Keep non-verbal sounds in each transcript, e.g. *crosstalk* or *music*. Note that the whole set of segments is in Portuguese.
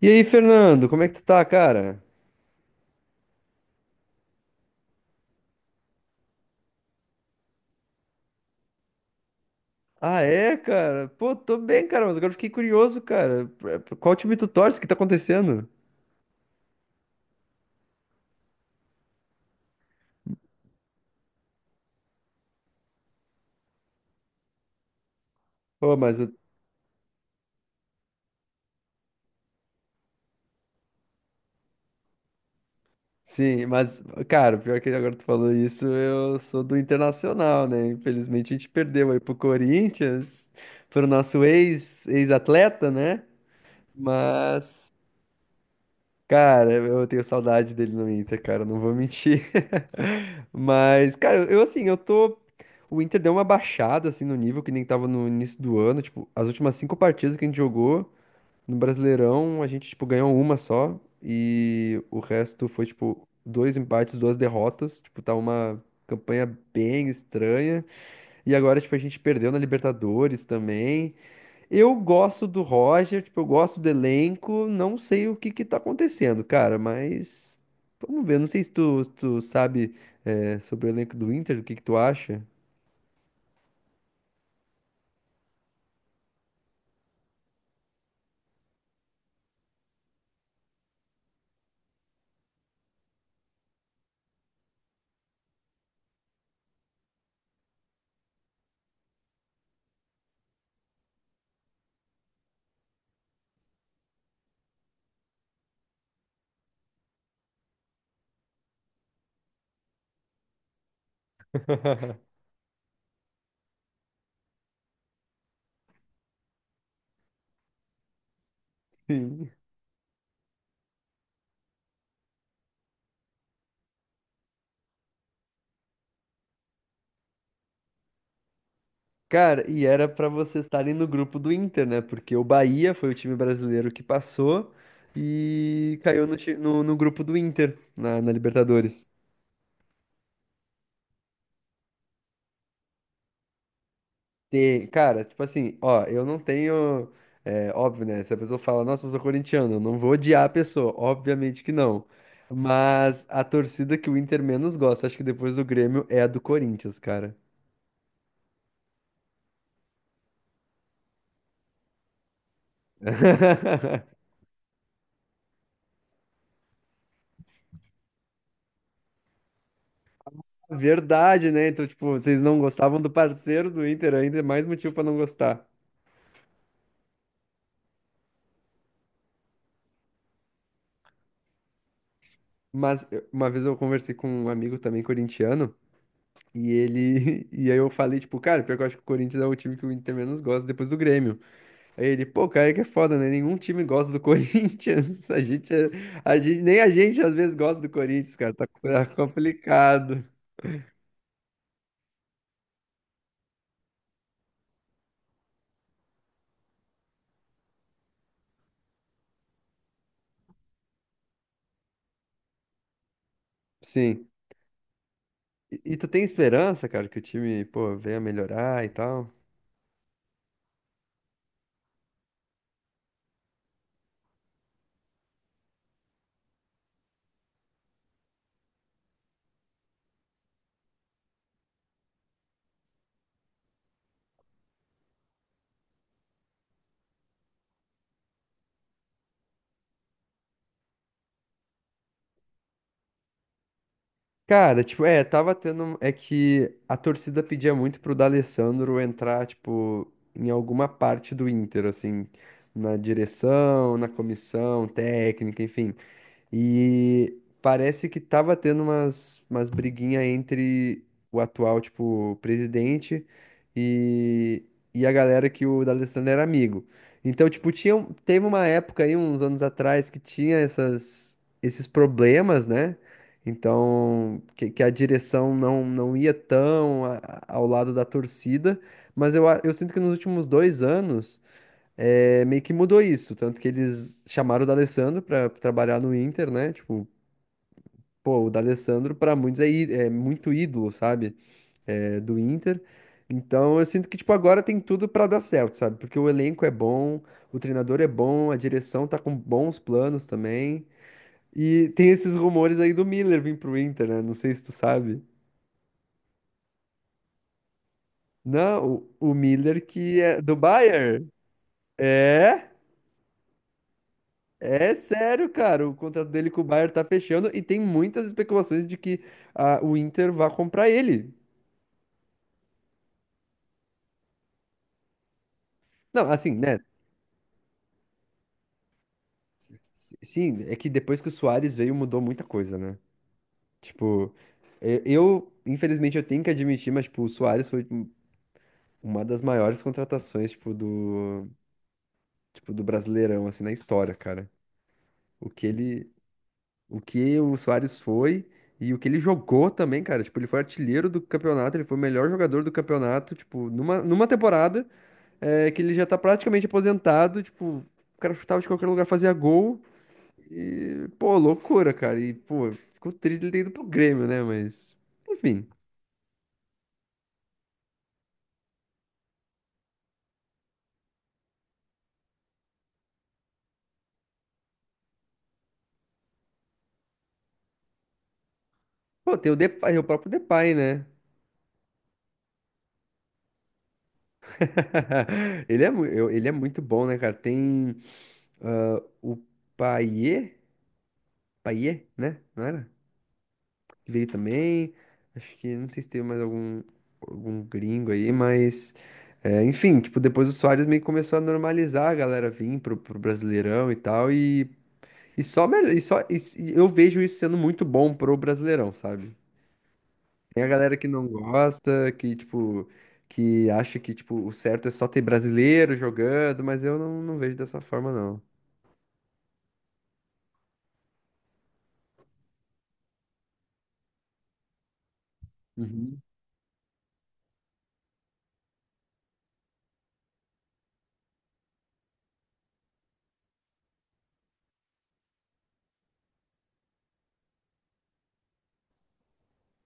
E aí, Fernando, como é que tu tá, cara? Ah, é, cara? Pô, tô bem, cara, mas agora eu fiquei curioso, cara. Qual time tu torce? O que tá acontecendo? Pô, mas eu... Sim, mas, cara, pior que agora tu falou isso, eu sou do Internacional, né? Infelizmente a gente perdeu aí pro Corinthians, pro nosso ex-atleta, né? Mas cara, eu tenho saudade dele no Inter, cara, não vou mentir. *laughs* Mas, cara, eu tô. O Inter deu uma baixada, assim, no nível que nem tava no início do ano. Tipo, as últimas cinco partidas que a gente jogou no Brasileirão, a gente, tipo, ganhou uma só. E o resto foi, tipo, dois empates, duas derrotas. Tipo, tá uma campanha bem estranha. E agora, tipo, a gente perdeu na Libertadores também. Eu gosto do Roger, tipo, eu gosto do elenco, não sei o que que tá acontecendo, cara, mas vamos ver, não sei se tu sabe, é, sobre o elenco do Inter, o que que tu acha? *laughs* Sim. Cara, e era pra vocês estarem no grupo do Inter, né? Porque o Bahia foi o time brasileiro que passou e caiu no, no, no grupo do Inter, na Libertadores. Tem, cara, tipo assim, ó, eu não tenho. É, óbvio, né? Se a pessoa fala, nossa, eu sou corintiano, eu não vou odiar a pessoa. Obviamente que não. Mas a torcida que o Inter menos gosta, acho que depois do Grêmio, é a do Corinthians, cara. *laughs* Verdade, né? Então, tipo, vocês não gostavam do parceiro do Inter ainda, é mais motivo pra não gostar. Mas uma vez eu conversei com um amigo também corintiano, e ele. *laughs* E aí eu falei, tipo, cara, pior que eu acho que o Corinthians é o time que o Inter menos gosta depois do Grêmio. Aí ele, pô, cara, é que é foda, né? Nenhum time gosta do *laughs* Corinthians. A gente, a gente, nem a gente às vezes gosta do Corinthians, cara. Tá complicado. Sim. E tu tem esperança, cara, que o time, pô, venha melhorar e tal? Cara, tipo, é, É que a torcida pedia muito pro D'Alessandro entrar, tipo, em alguma parte do Inter, assim, na direção, na comissão técnica, enfim. E parece que tava tendo umas briguinhas entre o atual, tipo, presidente e, e a galera que o D'Alessandro era amigo. Então, tipo, teve uma época aí, uns anos atrás, que tinha esses problemas, né? Então, que a direção não ia tão ao lado da torcida. Mas eu sinto que nos últimos 2 anos é, meio que mudou isso. Tanto que eles chamaram o D'Alessandro pra trabalhar no Inter, né? Tipo, pô, o D'Alessandro pra muitos é muito ídolo, sabe? É, do Inter. Então eu sinto que, tipo, agora tem tudo pra dar certo, sabe? Porque o elenco é bom, o treinador é bom, a direção tá com bons planos também. E tem esses rumores aí do Miller vir pro Inter, né? Não sei se tu sabe. Não, o Miller que é do Bayern. É? É sério, cara. O contrato dele com o Bayern tá fechando e tem muitas especulações de que ah, o Inter vá comprar ele. Não, assim, né? Sim, é que depois que o Suárez veio mudou muita coisa, né? Tipo, infelizmente eu tenho que admitir, mas tipo, o Suárez foi um- uma das maiores contratações, tipo, do Brasileirão assim na história, cara. O que ele, o que o Suárez foi e o que ele jogou também, cara. Tipo, ele foi artilheiro do campeonato, ele foi o melhor jogador do campeonato, tipo, numa temporada. É que ele já tá praticamente aposentado, tipo, o cara chutava de qualquer lugar, fazia gol. E, pô, loucura, cara. E, pô, ficou triste ele ter ido pro Grêmio, né? Mas, enfim. Pô, tem o Depay, o próprio Depay, né? *laughs* Ele é, ele é muito bom, né, cara? Tem ah, o Payet, Payet, né? Não era? Que veio também. Acho que não sei se teve mais algum, algum gringo aí, mas é, enfim, tipo, depois o Soares meio que começou a normalizar a galera vir pro, pro Brasileirão e tal, e só melhor, e só e se- eu vejo isso sendo muito bom pro Brasileirão, sabe? Tem a galera que não gosta, que tipo, que acha que tipo, o certo é só ter brasileiro jogando, mas eu não vejo dessa forma, não. Uhum.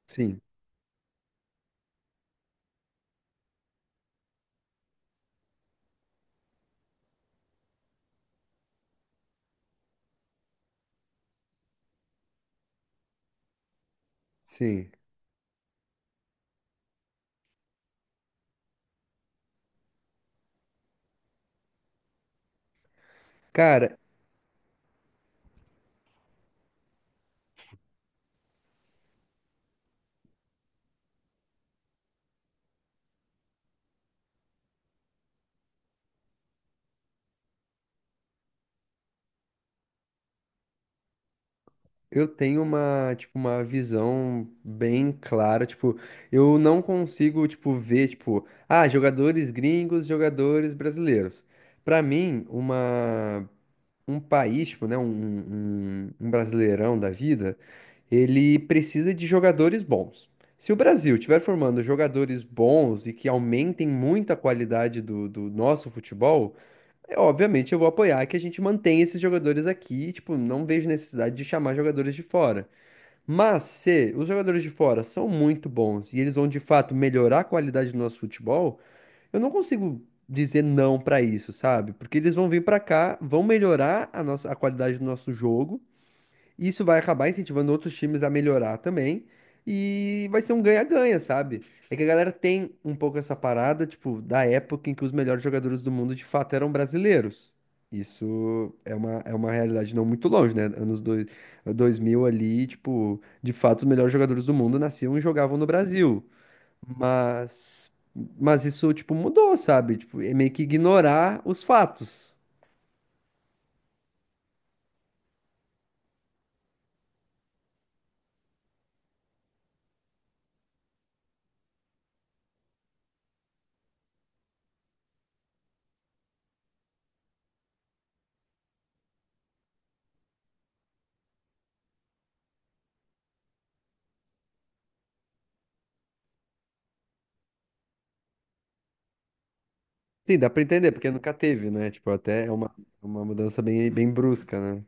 Sim, sim. Cara, eu tenho uma, tipo, uma visão bem clara, tipo, eu não consigo, tipo, ver, tipo, ah, jogadores gringos, jogadores brasileiros. Pra mim, uma, um país, tipo, né, um brasileirão da vida, ele precisa de jogadores bons. Se o Brasil estiver formando jogadores bons e que aumentem muito a qualidade do nosso futebol, é, obviamente eu vou apoiar que a gente mantenha esses jogadores aqui, tipo, não vejo necessidade de chamar jogadores de fora. Mas se os jogadores de fora são muito bons e eles vão de fato melhorar a qualidade do nosso futebol, eu não consigo dizer não pra isso, sabe? Porque eles vão vir pra cá, vão melhorar a nossa a qualidade do nosso jogo, isso vai acabar incentivando outros times a melhorar também. E vai ser um ganha-ganha, sabe? É que a galera tem um pouco essa parada, tipo, da época em que os melhores jogadores do mundo de fato eram brasileiros. Isso é uma realidade não muito longe, né? 2000 ali, tipo, de fato os melhores jogadores do mundo nasciam e jogavam no Brasil. Mas, mas isso, tipo, mudou, sabe? Tipo, é meio que ignorar os fatos. Sim, dá pra entender, porque nunca teve, né? Tipo, até é uma mudança bem, bem brusca, né?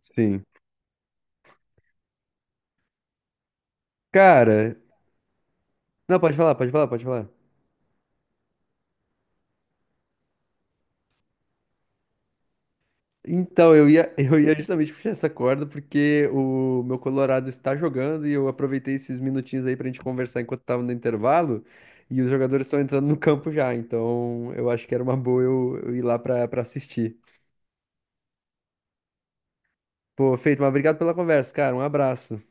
Sim. Cara, não, pode falar, pode falar, pode falar. Então, eu ia, *laughs* eu ia justamente puxar essa corda porque o meu Colorado está jogando e eu aproveitei esses minutinhos aí pra gente conversar enquanto tava no intervalo e os jogadores estão entrando no campo já, então eu acho que era uma boa eu ir lá pra, pra assistir. Pô, feito, mas obrigado pela conversa, cara. Um abraço.